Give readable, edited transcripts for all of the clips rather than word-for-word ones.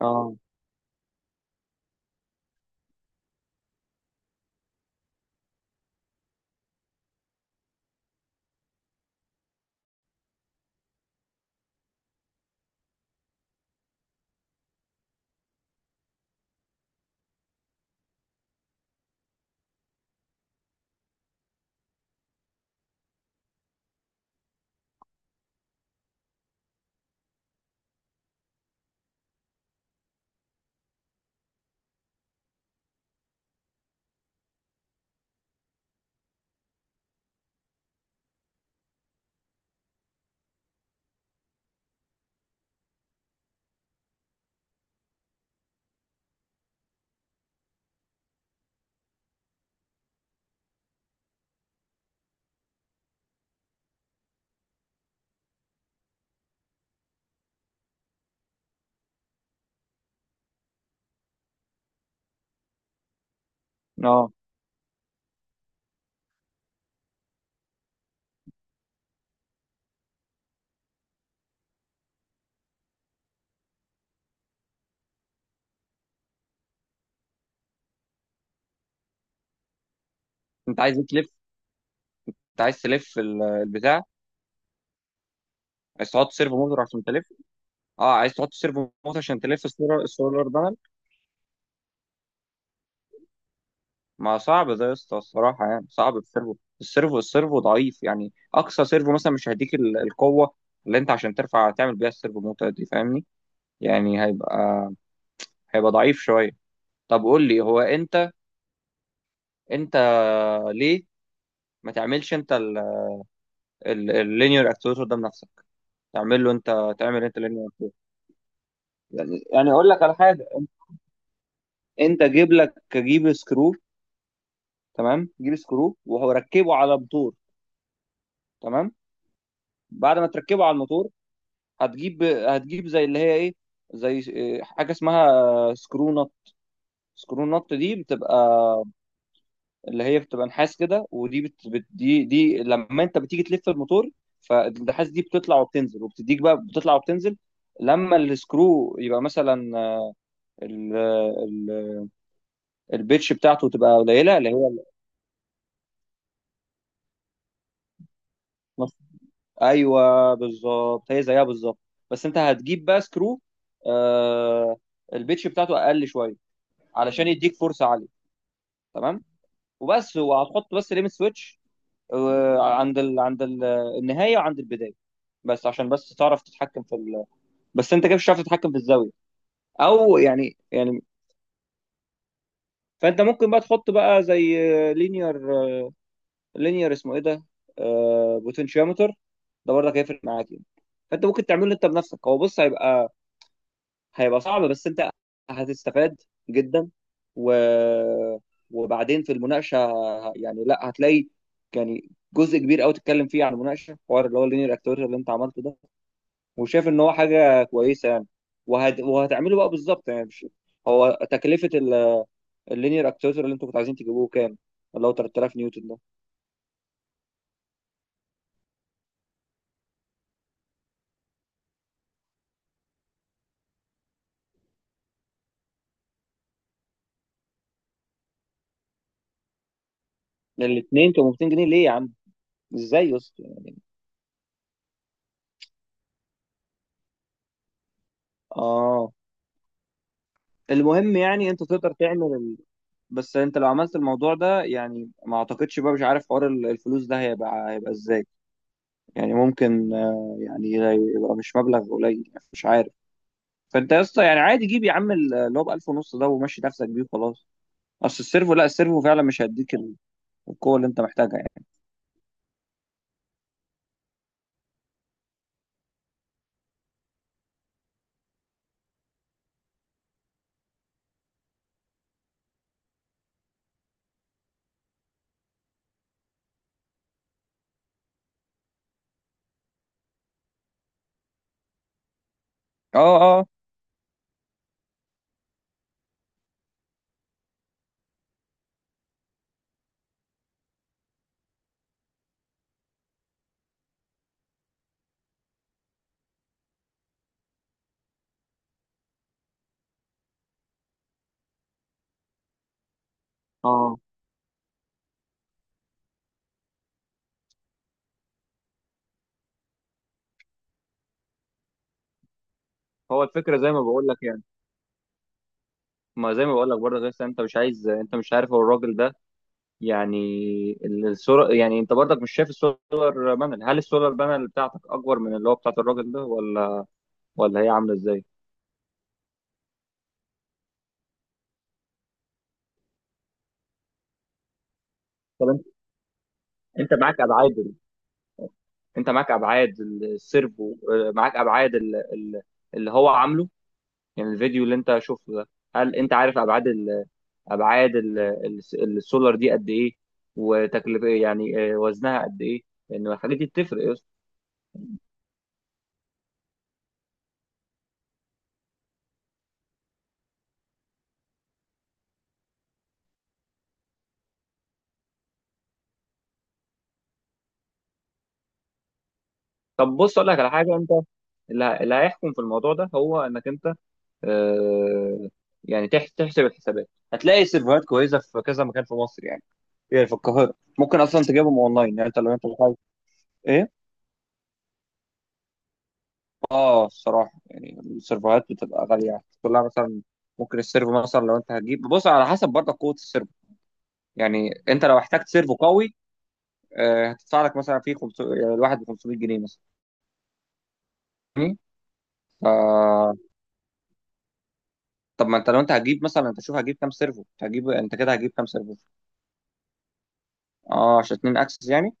اه، اه، انت عايز إيه تلف؟ انت عايز تلف ال- البتاع؟ عايز تحط سيرفو موتور عشان تلف. اه، عايز تحط سيرفو موتور عشان تلف السولار بانل. ما صعب ده يا اسطى الصراحه، يعني صعب السيرفو. السيرفو ضعيف، يعني اقصى سيرفو مثلا مش هيديك ال- القوه اللي انت عشان ترفع تعمل بيها السيرفو موتور دي، فاهمني؟ يعني هيبقى ضعيف شويه. طب قول لي، هو انت، انت ليه ما تعملش انت اللينير اكتويتر ده بنفسك؟ تعمل له انت، تعمل انت لينير اكتويتر. يعني اقول لك على حاجه، انت جيب لك، جيب سكرو، تمام؟ جيب سكرو وركبه على موتور، تمام. بعد ما تركبه على الموتور، هتجيب زي اللي هي ايه، زي إيه، حاجه اسمها سكرو نوت. سكرو نوت دي بتبقى اللي هي بتبقى نحاس كده، ودي بت... بت... دي دي لما انت بتيجي تلف الموتور، فالنحاس دي بتطلع وبتنزل، وبتديك بقى بتطلع وبتنزل لما السكرو يبقى مثلا ال... ال... البيتش بتاعته تبقى قليله، اللي هي ايوه، بالظبط، هي زيها بالظبط. بس انت هتجيب بقى سكرو، آه، البيتش بتاعته اقل شويه، علشان يديك فرصه عاليه، تمام؟ وبس، وهتحط بس ليميت سويتش، آه، عند ال... عند ال... النهايه وعند البدايه، بس عشان بس تعرف تتحكم في ال... بس انت كده مش هتعرف تتحكم في الزاويه، او يعني فانت ممكن بقى تحط بقى زي لينير، لينير اسمه ايه ده، آه، بوتنشيومتر. ده برضك هيفرق معاك يعني. فانت ممكن تعمله انت بنفسك. هو بص، هيبقى صعب، بس انت هتستفاد جدا. و... وبعدين في المناقشه، يعني لا، هتلاقي يعني جزء كبير قوي تتكلم فيه عن المناقشه، حوار اللي هو اللينير اكتويتر اللي انت عملته ده، وشايف ان هو حاجه كويسه يعني. وهتعمله بقى بالظبط يعني. مش هو، تكلفه اللينير اكتويتر اللي انتوا كنتوا عايزين تجيبوه كام؟ اللي هو 3000 نيوتن ده؟ الاثنين كانوا 200 جنيه ليه يا عم؟ ازاي يا اسطى؟ اه. المهم يعني انت تقدر تعمل، بس انت لو عملت الموضوع ده يعني ما اعتقدش بقى، مش عارف حوار ال- الفلوس ده هيبقى ازاي. يعني ممكن يعني يبقى مش مبلغ قليل يعني، مش عارف. فانت يا اسطى يعني عادي، جيب يا عم ال- اللي هو ب 1000 ونص ده، ومشي نفسك بيه وخلاص. اصل السيرفو، لا، السيرفو فعلا مش هيديك ال- القوه اللي انت محتاجها يعني. اه، اه، اه. هو الفكره زي ما بقول لك يعني، ما زي ما بقول لك برضه، لسه انت مش عايز، انت مش عارف هو الراجل ده يعني. الصوره، يعني انت برضك مش شايف، السولار بانل، هل السولار بانل بتاعتك اكبر من اللي هو بتاعت الراجل ده، ولا ولا هي عامله ازاي؟ طب انت، انت معاك ابعاد ال- انت معاك ابعاد ال- السيرفو، معاك ابعاد ال- ال- اللي هو عامله، يعني الفيديو اللي انت شفته ده، هل انت عارف ابعاد ال... ابعاد ال... ال- السولار دي قد ايه؟ وتكلفه ايه؟ يعني، وزنها قد ايه؟ لان الحاجات دي بتفرق يا اسطى. طب بص، اقول لك على حاجه، انت اللي ه- اللي هيحكم في الموضوع ده هو انك انت، آه، يعني تح- تحسب الحسابات، هتلاقي سيرفرات كويسه في كذا مكان في مصر يعني. يعني في القاهره ممكن اصلا تجيبهم اونلاين يعني، انت لو انت، ايه؟ اه، الصراحه يعني السيرفرات بتبقى غاليه كلها مثلا. ممكن السيرفو مثلا، لو انت هتجيب، بص على حسب برضه قوه السيرفو، يعني انت لو احتجت سيرفو قوي، هتدفع لك مثلا فيه 500، يعني الواحد ب 500 جنيه مثلا، فاهمني؟ ف، طب ما انت لو انت هتجيب مثلا، انت شوف هتجيب كام سيرفو، انت هتجيب انت كده هتجيب كام سيرفو. اه، عشان اتنين اكسس يعني.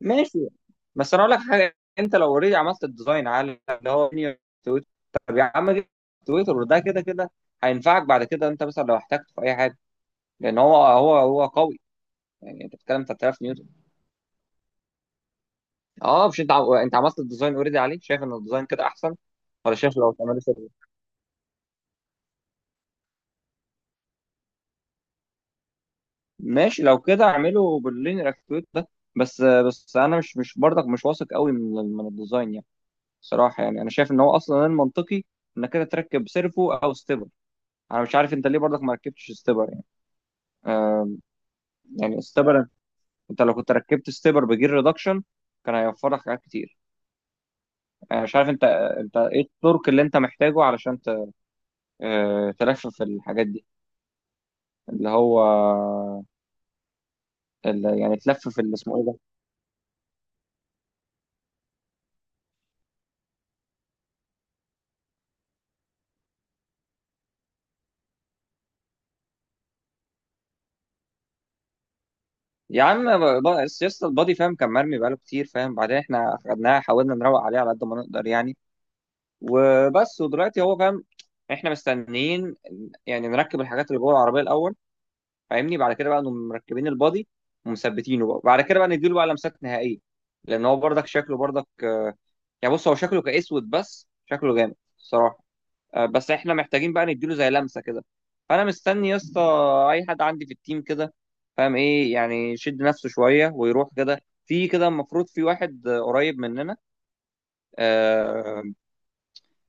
ماشي. بس انا اقول لك حاجه، انت لو اوريدي عملت الديزاين على اللي هو تويتر، طب يا عم جيب تويتر، وده كده كده هينفعك بعد كده، انت مثلا لو احتجته في اي حاجه، لان هو هو هو قوي، يعني انت بتتكلم 3000 نيوتن. اه مش انت ع- انت عملت الديزاين اوريدي عليه، شايف ان الديزاين كده احسن، ولا شايف لو تعمله سيرفر؟ ماشي، لو كده اعمله باللينير اكتويت ده. بس بس انا مش مش برضك مش واثق قوي من ال- من الديزاين يعني، صراحه. يعني انا شايف ان هو اصلا المنطقي انك كده تركب سيرفو او ستيبر. انا مش عارف انت ليه برضك ما ركبتش ستيبر يعني، آه. يعني ستيبر، انت لو كنت ركبت ستيبر بجير ريدكشن، كان هيوفر لك حاجات كتير. انا مش عارف انت، انت ايه التورك اللي انت محتاجه علشان تلفف الحاجات دي، اللي هو اللي يعني تلفف اللي اسمه ايه ده. يا عم ب- ب- سياسة البادي، فاهم؟ كان مرمي بقاله كتير فاهم، بعدين احنا خدناها، حاولنا نروق عليه على قد ما نقدر يعني. وبس، ودلوقتي هو فاهم، احنا مستنيين يعني نركب الحاجات اللي جوه العربية الأول، فاهمني؟ بعد كده بقى نقوم مركبين البادي ومثبتينه، بقى بعد كده بقى نديله بقى لمسات نهائية. لأن هو برضك شكله برضك، يعني بص هو شكله كأسود، بس شكله جامد الصراحة. آه، بس احنا محتاجين بقى نديله زي لمسه كده. فانا مستني يا اسطى اي حد عندي في التيم كده، فاهم ايه يعني، يشد نفسه شويه ويروح كده. في كده المفروض في واحد، قريب مننا، آه،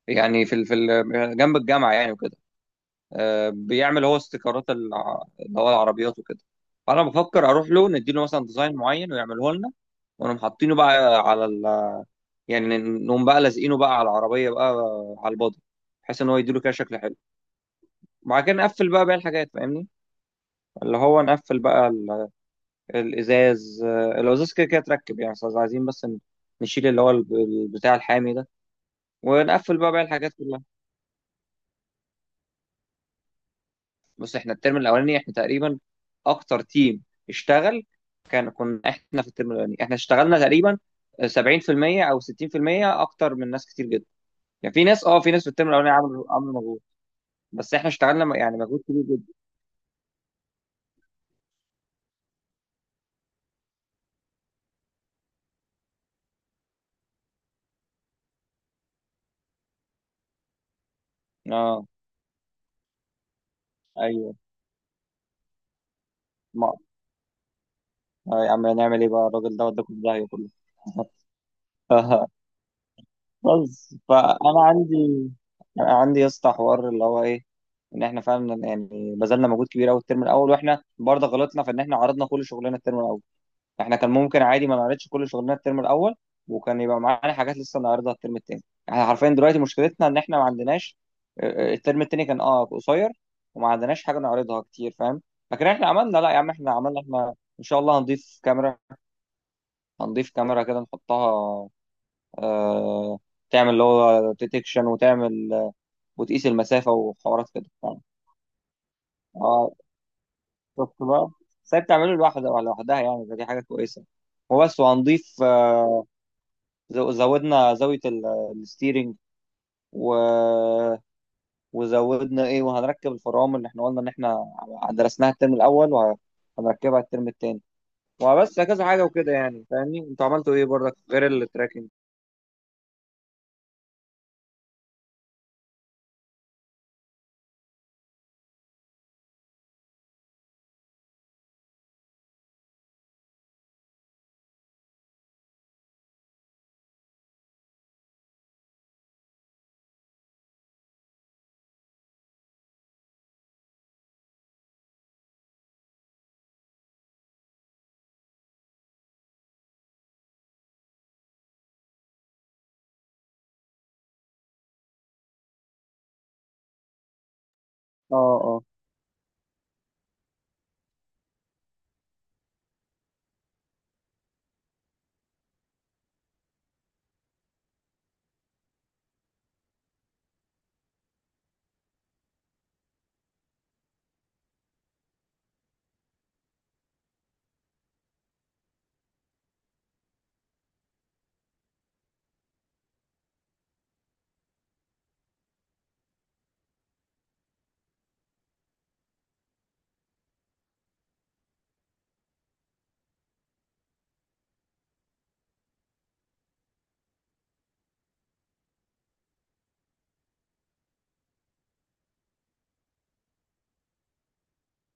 يعني في ال- في ال- جنب الجامعه يعني وكده، آه، بيعمل هو استيكرات الع- اللي هو العربيات وكده. فانا بفكر اروح له نديله مثلا ديزاين معين ويعمله لنا، ونقوم حاطينه بقى على ال... يعني نقوم بقى لازقينه بقى على العربيه بقى، على البادي، بحيث ان هو يديله كده شكل حلو. وبعد كده نقفل بقى باقي الحاجات، فاهمني؟ اللي هو نقفل بقى ال- الازاز، الازاز كده كده اتركب يعني، بس عايزين بس ن- نشيل اللي هو ال- ال- بتاع الحامي ده، ونقفل بقى باقي الحاجات كلها. بس احنا الترم الاولاني احنا تقريبا اكتر تيم اشتغل. كان كنا احنا في الترم الاولاني احنا اشتغلنا تقريبا 70% او 60% اكتر من ناس كتير جدا. يعني في ناس، اه، في ناس في الترم الاولاني عملوا مجهود، بس احنا اشتغلنا م- يعني مجهود كبير جدا. اه، ايوه، ما، يا عم نعمل ايه بقى، الراجل ده وداكم في داهيه كله. بس فانا عندي عندي يا اسطى، حوار اللي هو ايه، ان احنا فعلا يعني بذلنا مجهود كبير قوي الترم الاول، واحنا برضه غلطنا في ان احنا عرضنا كل شغلنا الترم الاول. احنا كان ممكن عادي ما نعرضش كل شغلنا الترم الاول، وكان يبقى معانا حاجات لسه نعرضها الترم التاني. احنا حرفيا دلوقتي مشكلتنا ان احنا ما عندناش، الترم التاني كان اه قصير، وما عندناش حاجه نعرضها كتير، فاهم؟ لكن احنا عملنا، لا يا عم احنا عملنا، احنا ان شاء الله هنضيف كاميرا. هنضيف كاميرا كده نحطها، آه، تعمل اللي هو ديتكشن، وتعمل، وتقيس المسافة وحوارات كده. اه، شفت بقى؟ سايب تعمله لوحده، لوحدها يعني، فدي حاجة كويسة. وبس، وهنضيف، زو- زودنا زاوية ال- الستيرنج، و... وزودنا ايه، وهنركب الفرامل اللي احنا قلنا ان احنا درسناها الترم الاول، وهنركبها الترم التاني. وبس، كذا حاجة وكده يعني، فاهمني؟ انتوا عملتوا ايه برضك غير التراكنج؟ اه، اه،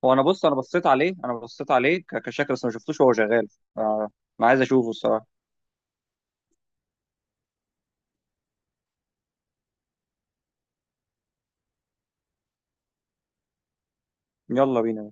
هو انا بص، انا بصيت عليه، انا بصيت عليه ك- كشكل، بس ما شفتوش وهو شغال، آه، انا عايز اشوفه الصراحه. يلا بينا.